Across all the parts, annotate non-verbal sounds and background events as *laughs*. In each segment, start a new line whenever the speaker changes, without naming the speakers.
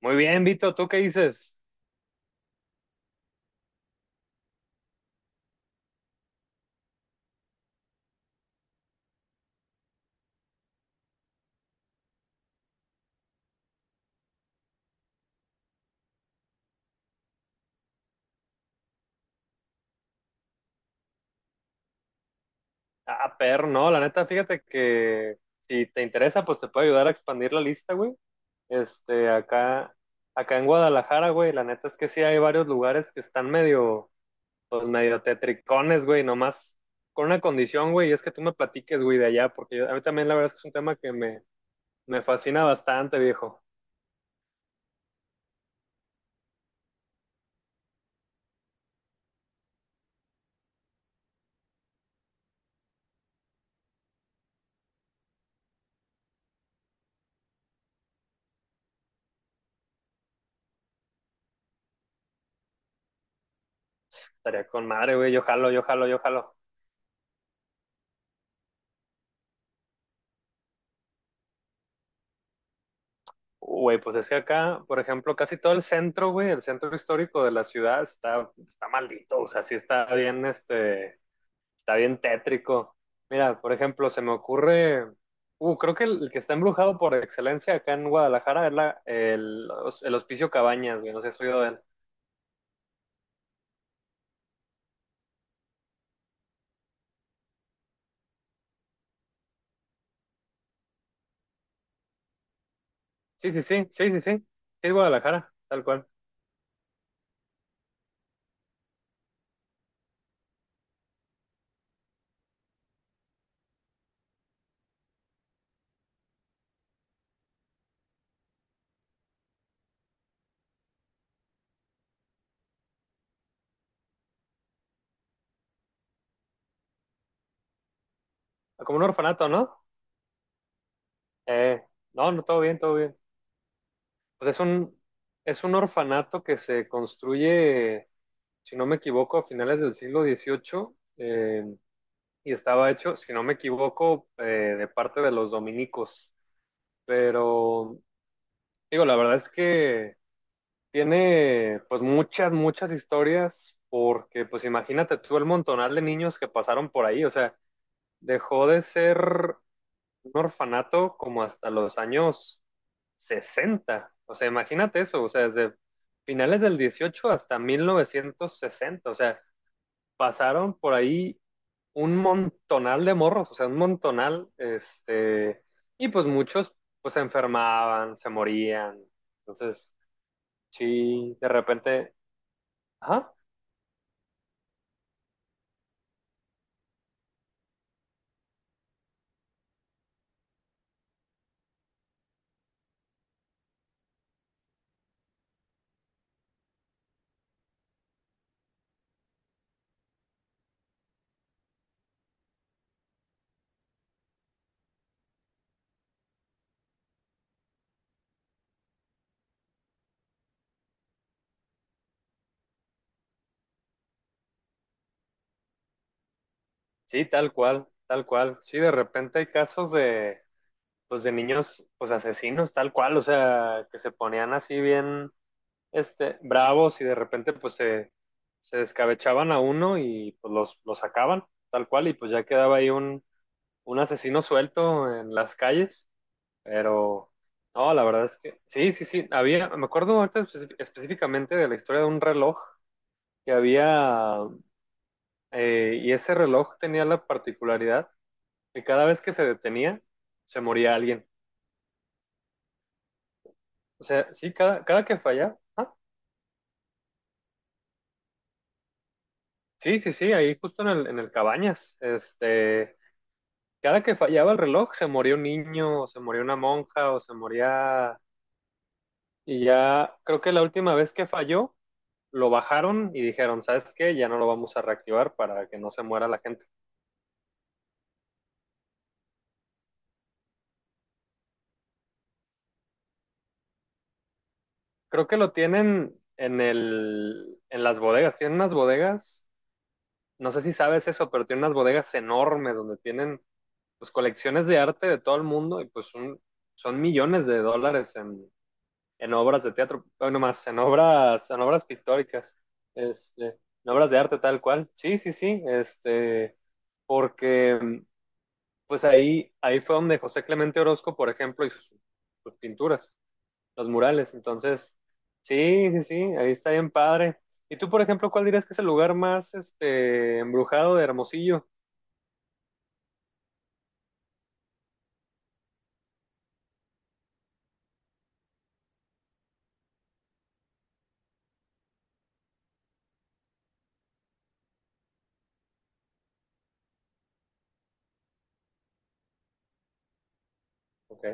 Muy bien, Vito, ¿tú qué dices? Ah, perro, no, la neta, fíjate que si te interesa, pues te puedo ayudar a expandir la lista, güey. Este, acá, acá en Guadalajara, güey, la neta es que sí hay varios lugares que están medio, pues medio tetricones, güey, nomás con una condición, güey, y es que tú me platiques, güey, de allá, porque a mí también la verdad es que es un tema que me fascina bastante, viejo. Estaría con madre, güey, yo jalo, yo jalo, yo jalo. Güey, pues es que acá, por ejemplo, casi todo el centro, güey, el centro histórico de la ciudad está maldito, o sea, sí está bien, está bien tétrico. Mira, por ejemplo, se me ocurre, creo que el que está embrujado por excelencia acá en Guadalajara es el Hospicio Cabañas, güey, no sé si has oído de él. Sí, sí, sí, sí, sí, sí, sí, es Guadalajara, tal cual. Como un orfanato, ¿no? Eh, no, no, todo bien, todo bien. Pues es un orfanato que se construye si no me equivoco, a finales del siglo XVIII, eh, y estaba hecho, si no me equivoco, de parte de los dominicos. Pero digo, la verdad es que tiene pues muchas, muchas historias porque pues imagínate tú el montonal de niños que pasaron por ahí, o sea, dejó de ser un orfanato como hasta los años 60. O sea, imagínate eso, o sea, desde finales del 18 hasta 1960, o sea, pasaron por ahí un montonal de morros, o sea, un montonal, y pues muchos pues se enfermaban, se morían. Entonces, sí, de repente, ajá, sí, tal cual, tal cual. Sí, de repente hay casos de pues de niños pues asesinos, tal cual, o sea, que se ponían así bien bravos y de repente pues se descabechaban a uno y pues los sacaban, tal cual, y pues ya quedaba ahí un asesino suelto en las calles, pero no, la verdad es que sí, sí, sí, había, me acuerdo ahorita específicamente de la historia de un reloj que había, y ese reloj tenía la particularidad que cada vez que se detenía, se moría alguien. O sea, sí, cada que fallaba, ah, sí, sí, sí, ahí justo en el Cabañas, cada que fallaba el reloj, se moría un niño, o se moría una monja, o se moría. Y ya creo que la última vez que falló, lo bajaron y dijeron, ¿sabes qué? Ya no lo vamos a reactivar para que no se muera la gente. Creo que lo tienen en las bodegas. Tienen unas bodegas, no sé si sabes eso, pero tienen unas bodegas enormes donde tienen pues colecciones de arte de todo el mundo y pues son millones de dólares en, obras de teatro, bueno, más en obras pictóricas, este, en obras de arte tal cual. Sí, sí, sí, este, porque pues ahí fue donde José Clemente Orozco, por ejemplo, hizo sus pinturas, los murales. Entonces, sí, sí, sí, ahí está bien padre. ¿Y tú, por ejemplo, cuál dirías que es el lugar más embrujado de Hermosillo? Ok,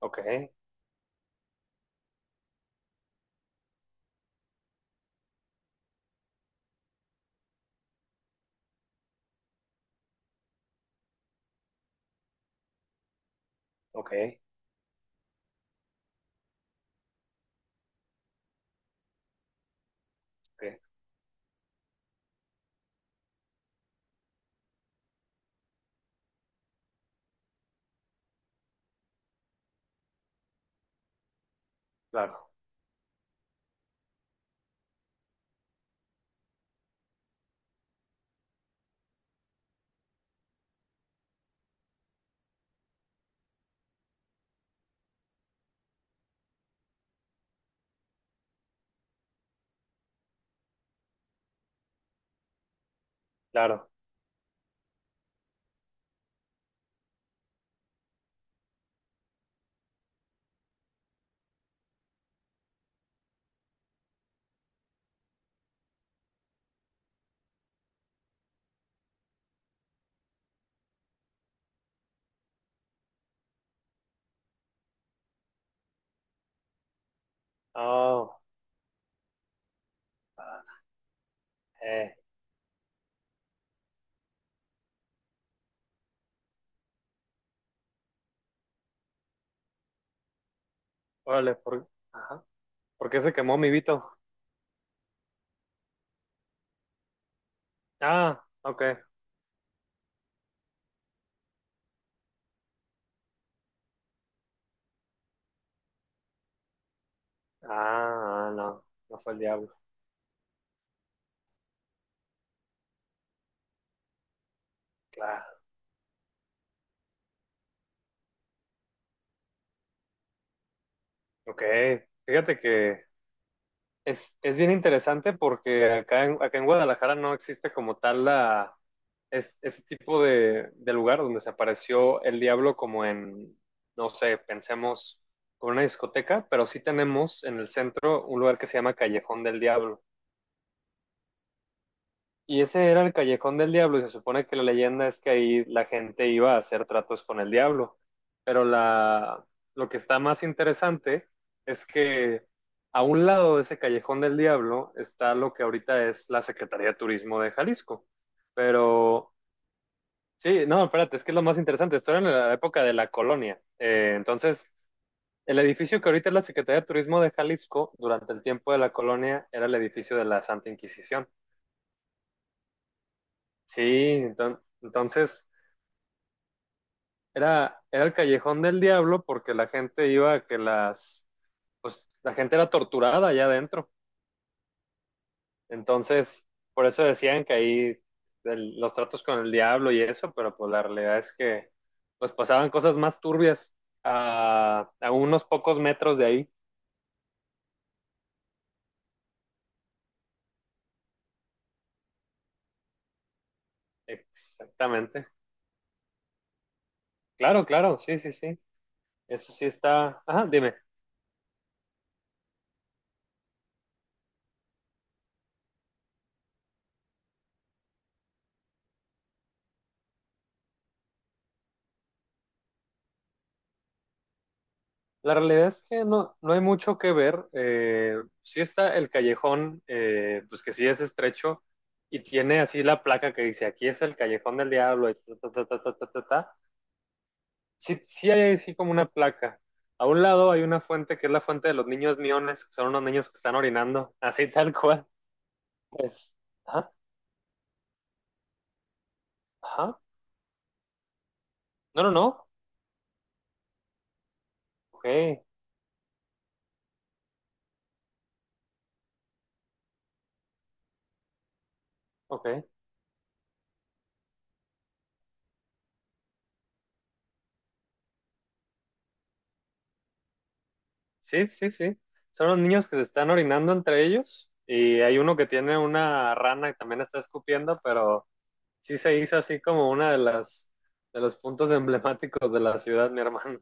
ok, ok, ok, claro, claro. Oh, ah, eh, órale, ajá, ¿por qué se quemó mi Vito? Ah, ok. Ah, ah, no, no fue el diablo. Claro, ok. Fíjate que es bien interesante porque acá en Guadalajara no existe como tal ese tipo de lugar donde se apareció el diablo como en, no sé, pensemos como una discoteca, pero sí tenemos en el centro un lugar que se llama Callejón del Diablo. Y ese era el Callejón del Diablo, y se supone que la leyenda es que ahí la gente iba a hacer tratos con el diablo. Pero la, lo que está más interesante es que a un lado de ese Callejón del Diablo está lo que ahorita es la Secretaría de Turismo de Jalisco. Pero sí, no, espérate, es que es lo más interesante. Esto era en la época de la colonia. Entonces, el edificio que ahorita es la Secretaría de Turismo de Jalisco, durante el tiempo de la colonia, era el edificio de la Santa Inquisición. Sí, entonces, era el callejón del diablo porque la gente iba a que pues la gente era torturada allá adentro. Entonces, por eso decían que ahí los tratos con el diablo y eso, pero pues la realidad es que pues pasaban cosas más turbias a, unos pocos metros de ahí. Exactamente. Claro, claro, sí, sí, sí. Eso sí está. Ajá, dime. La realidad es que no, no hay mucho que ver. Sí está el callejón, pues que sí es estrecho y tiene así la placa que dice, aquí es el callejón del diablo, y ta, ta, ta, ta, ta, ta, ta. Ta. Sí, sí hay así como una placa. A un lado hay una fuente que es la fuente de los niños miones, que son unos niños que están orinando, *laughs* así tal cual. Pues, ajá, ajá. No, no, no. Ok, ok. Sí, sí, sí. Son los niños que se están orinando entre ellos y hay uno que tiene una rana que también está escupiendo, pero sí se hizo así como una de los puntos *laughs* emblemáticos de la ciudad, mi hermano,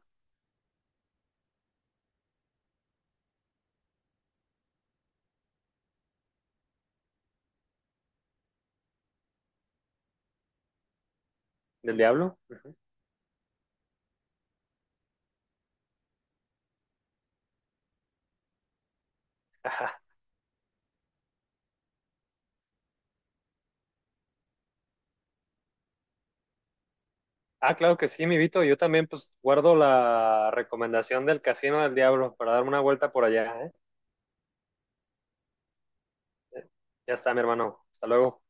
del diablo. *laughs* Ajá. Ah, claro que sí, mi Vito. Yo también pues guardo la recomendación del Casino del Diablo para darme una vuelta por allá, ¿eh? Ya está, mi hermano. Hasta luego.